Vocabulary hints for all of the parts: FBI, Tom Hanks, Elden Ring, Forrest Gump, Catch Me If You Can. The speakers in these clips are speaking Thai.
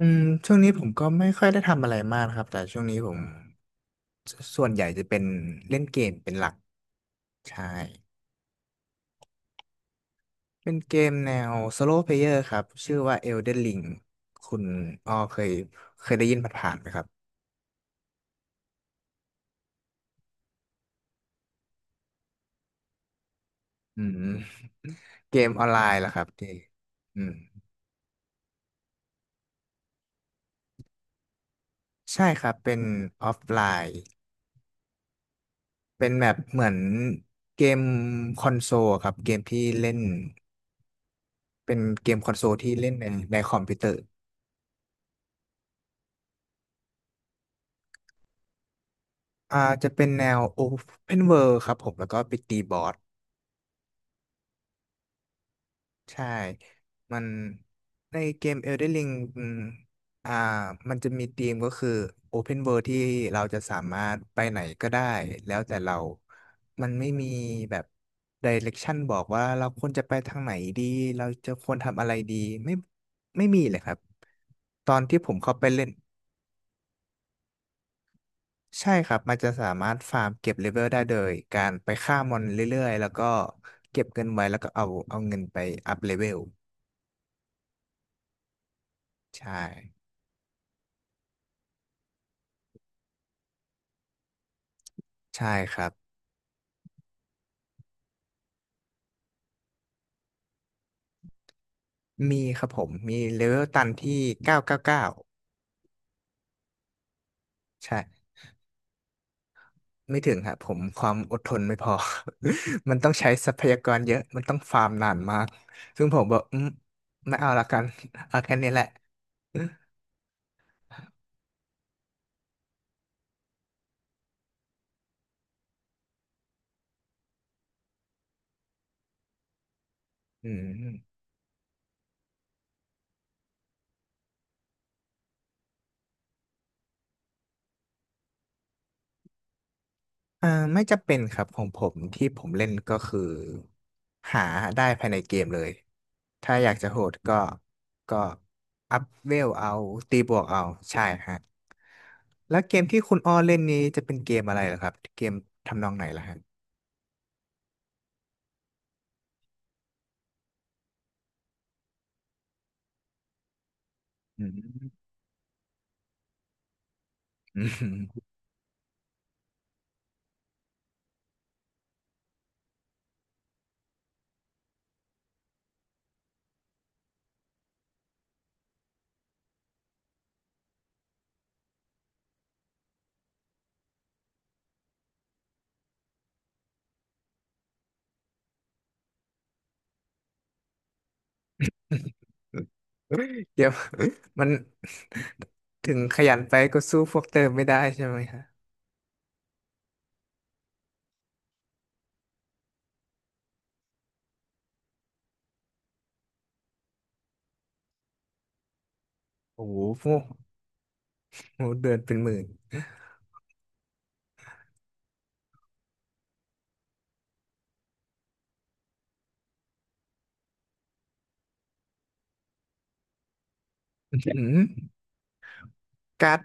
อืมช่วงนี้ผมก็ไม่ค่อยได้ทำอะไรมากนะครับแต่ช่วงนี้ผมสส่วนใหญ่จะเป็นเล่นเกมเป็นหลักใช่เป็นเกมแนว Solo Player ครับชื่อว่า Elden Ring คุณอ้อเคยได้ยินผ่านๆไหมครับอืมเกมออนไลน์ลรอครับที่อืมใช่ครับเป็นออฟไลน์เป็นแบบเหมือนเกมคอนโซลครับเกมที่เล่นเป็นเกมคอนโซลที่เล่นในคอมพิวเตอร์ อ่าจะเป็นแนว Open World ครับผมแล้วก็ไปตีบอสใช่ มันในเกม Elden Ring อืมอ่ามันจะมีธีมก็คือ Open World ที่เราจะสามารถไปไหนก็ได้แล้วแต่เรามันไม่มีแบบ Direction บอกว่าเราควรจะไปทางไหนดีเราจะควรทำอะไรดีไม่ไม่มีเลยครับตอนที่ผมเข้าไปเล่น ใช่ครับมันจะสามารถฟาร์มเก็บเลเวลได้โดยการไปฆ่ามอนเรื่อยๆแล้วก็เก็บเงินไว้แล้วก็เอาเงินไปอัพเลเวลใช่ใช่ครับมีครับผมมีเลเวลตันที่999ใช่ไม่ถึงครับผมความอดทนไม่พอ มันต้องใช้ทรัพยากรเยอะมันต้องฟาร์มนานมากซึ่งผมบอกไม่เอาละกันเอาแค่นี้แหละอืม เอ่อไม่จะเป็นครับของผมที่ผมเล่นก็คือหาได้ภายในเกมเลยถ้าอยากจะโหดก็ก็อัพเวลเอาตีบวกเอาใช่ฮะแล้วเกมที่คุณอ้อเล่นนี้จะเป็นเกมอะไรเหรอครับเกมทำนองไหนล่ะฮะอืมอืม เดี๋ยว มันถึงขยันไปก็สู้พวกเติมไม่ได้ใช่ไหมฮะโอ้โหพวกโอ้โหเดือนเป็นหมื่น อืม การ์ด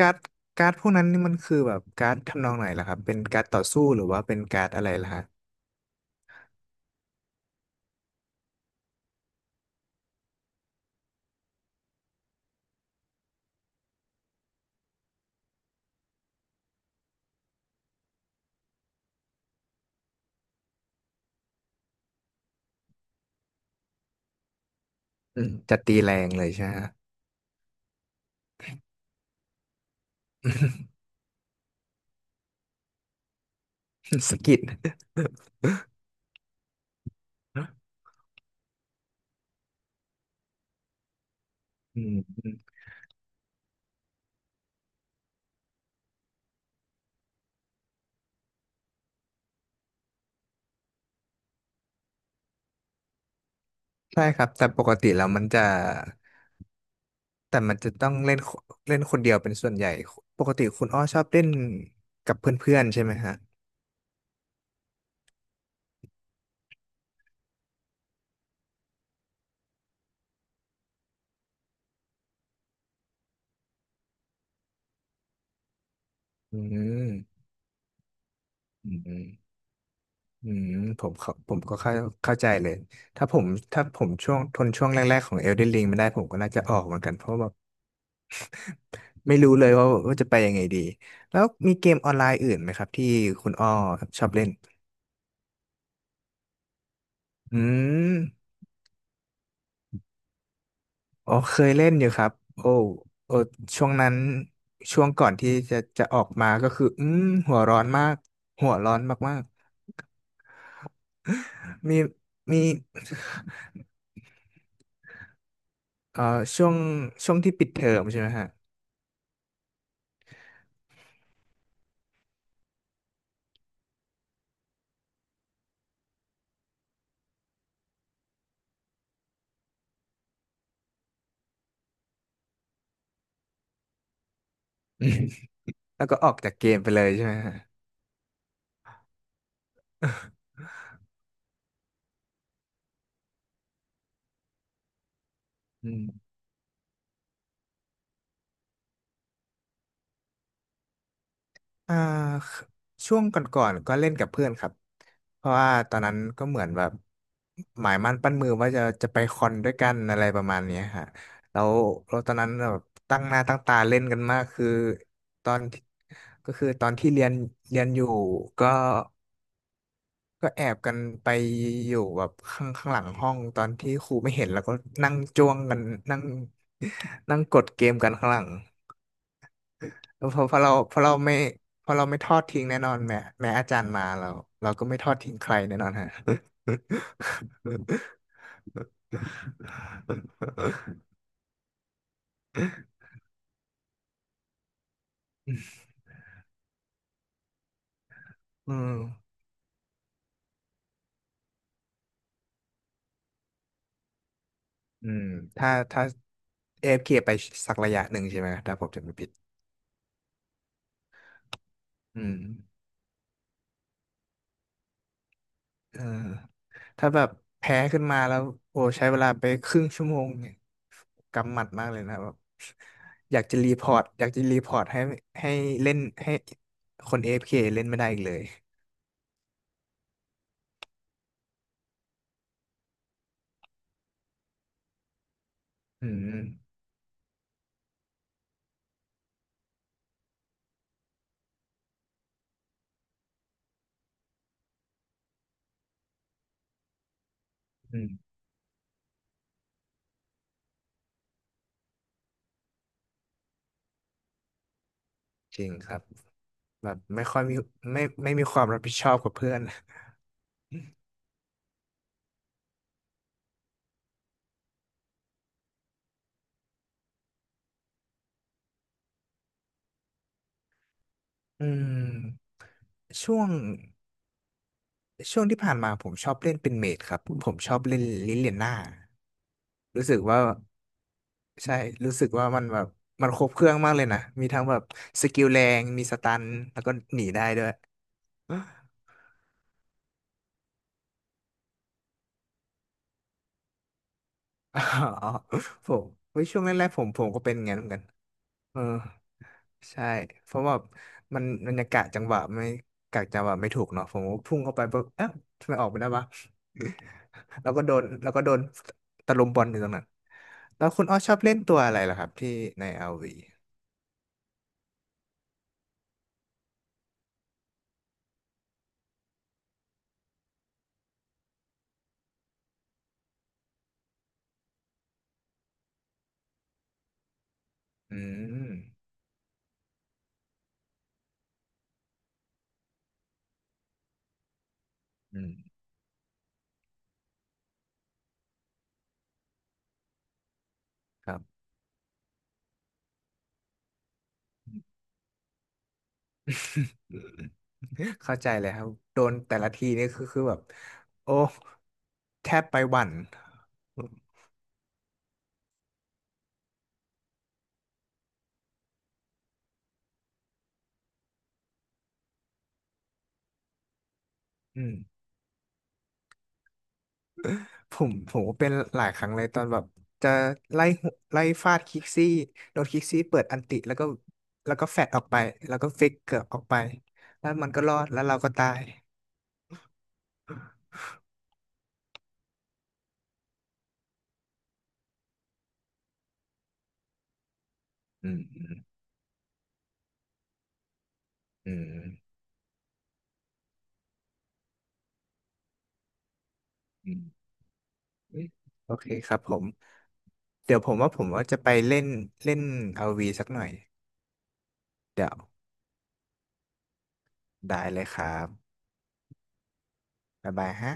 การ์ดการ์ดพวกนั้นนี่มันคือแบบการ์ดทำนองไหนล่ะครับเป็นการ์ดต่อสู้หรือว่าเป็นการ์ดอะไรล่ะฮะอืมจะตีแรงเลยใช่ไหมฮะ สะกิด อืมใช่ครับแต่ปกติแล้วมันจะแต่มันจะต้องเล่นคเล่นคนเดียวเป็นส่วนใหญ่ปกติคุณอ้อชอบเล่นกับเพื่อนๆใช่ไหมฮะอืมอืมอืมผมก็เข้าใจเลยถ้าผมถ้าผมช่วงทนช่วงแรกๆของ Elden Ring ไม่ได้ผมก็น่าจะออกเหมือนกันเพราะว่า ไม่รู้เลยว่าจะไปยังไงดี แล้วมีเกมออนไลน์อื่นไหมครับที่คุณอ้อครับชอบเล่นอืมอ๋อเคยเล่นอยู่ครับโอ้โอ้ช่วงนั้นช่วงก่อนที่จะจะออกมาก็คืออืมหัวร้อนมาก หัวร้อนมากๆมีเอ่อช่วงช่วงที่ปิดเทอมใช่ไหมฮะแล้วก็ออกจากเกมไปเลยใช่ไหมฮะ อืม อ่าช่วงก่อนๆก็เล่นกับเพื่อนครับเพราะว่าตอนนั้นก็เหมือนแบบหมายมั่นปั้นมือว่าจะไปคอนด้วยกันอะไรประมาณเนี้ยฮะแล้วเราตอนนั้นแบบตั้งหน้าตั้งตาเล่นกันมากคือตอนก็คือตอนที่เรียนอยู่ก็แอบกันไปอยู่แบบข้างหลังห้องตอนที่ครูไม่เห็นแล้วก็นั่งจ้วงกันนั่งนั่งกดเกมกันข้างหลัง เพราะเพราเราพอเราไม่ทอดทิ้งแน่นอนแม้อาจารย์มาเราก็ไม่ทอดทิ้งใครแน่นอนฮะ อืมอืมถ้า AFK ไปสักระยะหนึ่งใช่ไหมถ้าผมจะไม่ผิด อืมเออถ้าแบบแพ้ขึ้นมาแล้วโอ้ใช้เวลาไปครึ่งชั่วโมงเนี่ยกำหมัดมากเลยนะแบบอยากจะรีพอร์ตอยากจะรีพอร์ตให้ให้เล่นให้คน AFK เอฟเคเล่นไม่ได้อีกเลยอืมอืม จริงครับแบบไม่ค่อยมีไม่ไม่มีความรับผิดชอบกับเพื่อน อืมช่วงที่ผ่านมาผมชอบเล่นเป็นเมจครับผมชอบเล่นลิเลียน่ารู้สึกว่าใช่รู้สึกว่ามันแบบมันครบเครื่องมากเลยนะมีทั้งแบบสกิลแรงมีสตันแล้วก็หนีได้ด้วย อ๋อผมเฮ้ยช่วงแรกๆผมก็เป็นอย่างนั้นเหมือนกันเออ ใช่เพราะว่ามันยังกะจังหวะไม่ถูกเนาะผมก็พุ่งเข้าไปปุ๊บเอ๊ะทำไมออกไม่ได้วะ แล้วก็โดนแล้วก็โดนตะลุมบอลอยู่ตรงนั้นแล้วคุณอ้อชอบเล่นตัวอะไรล่ะครับที่ในอาร์ว v อืมอืมครับ เข้าใจเลยครับโดนแต่ละทีนี่คือแบบโอ้แทบไปหวั่นอืม ผมก็เป็นหลายครั้งเลยตอนแบบจะไล่หุไล่ฟาดคิกซี่โดนคิกซี่เปิดอันติแล้วก็แฟดออกไปแล้วก็ฟิกเกืร์ออกไปแล้วมันก็รอดแล้วเราก็ตายอืมอืมอืมอืมเอ้ยโอเคครับผมเดี๋ยวผมว่าผมว่าจะไปเล่นเล่นอาร์วีสักหน่อยเดี๋ยวได้เลยครับบ๊ายบายฮะ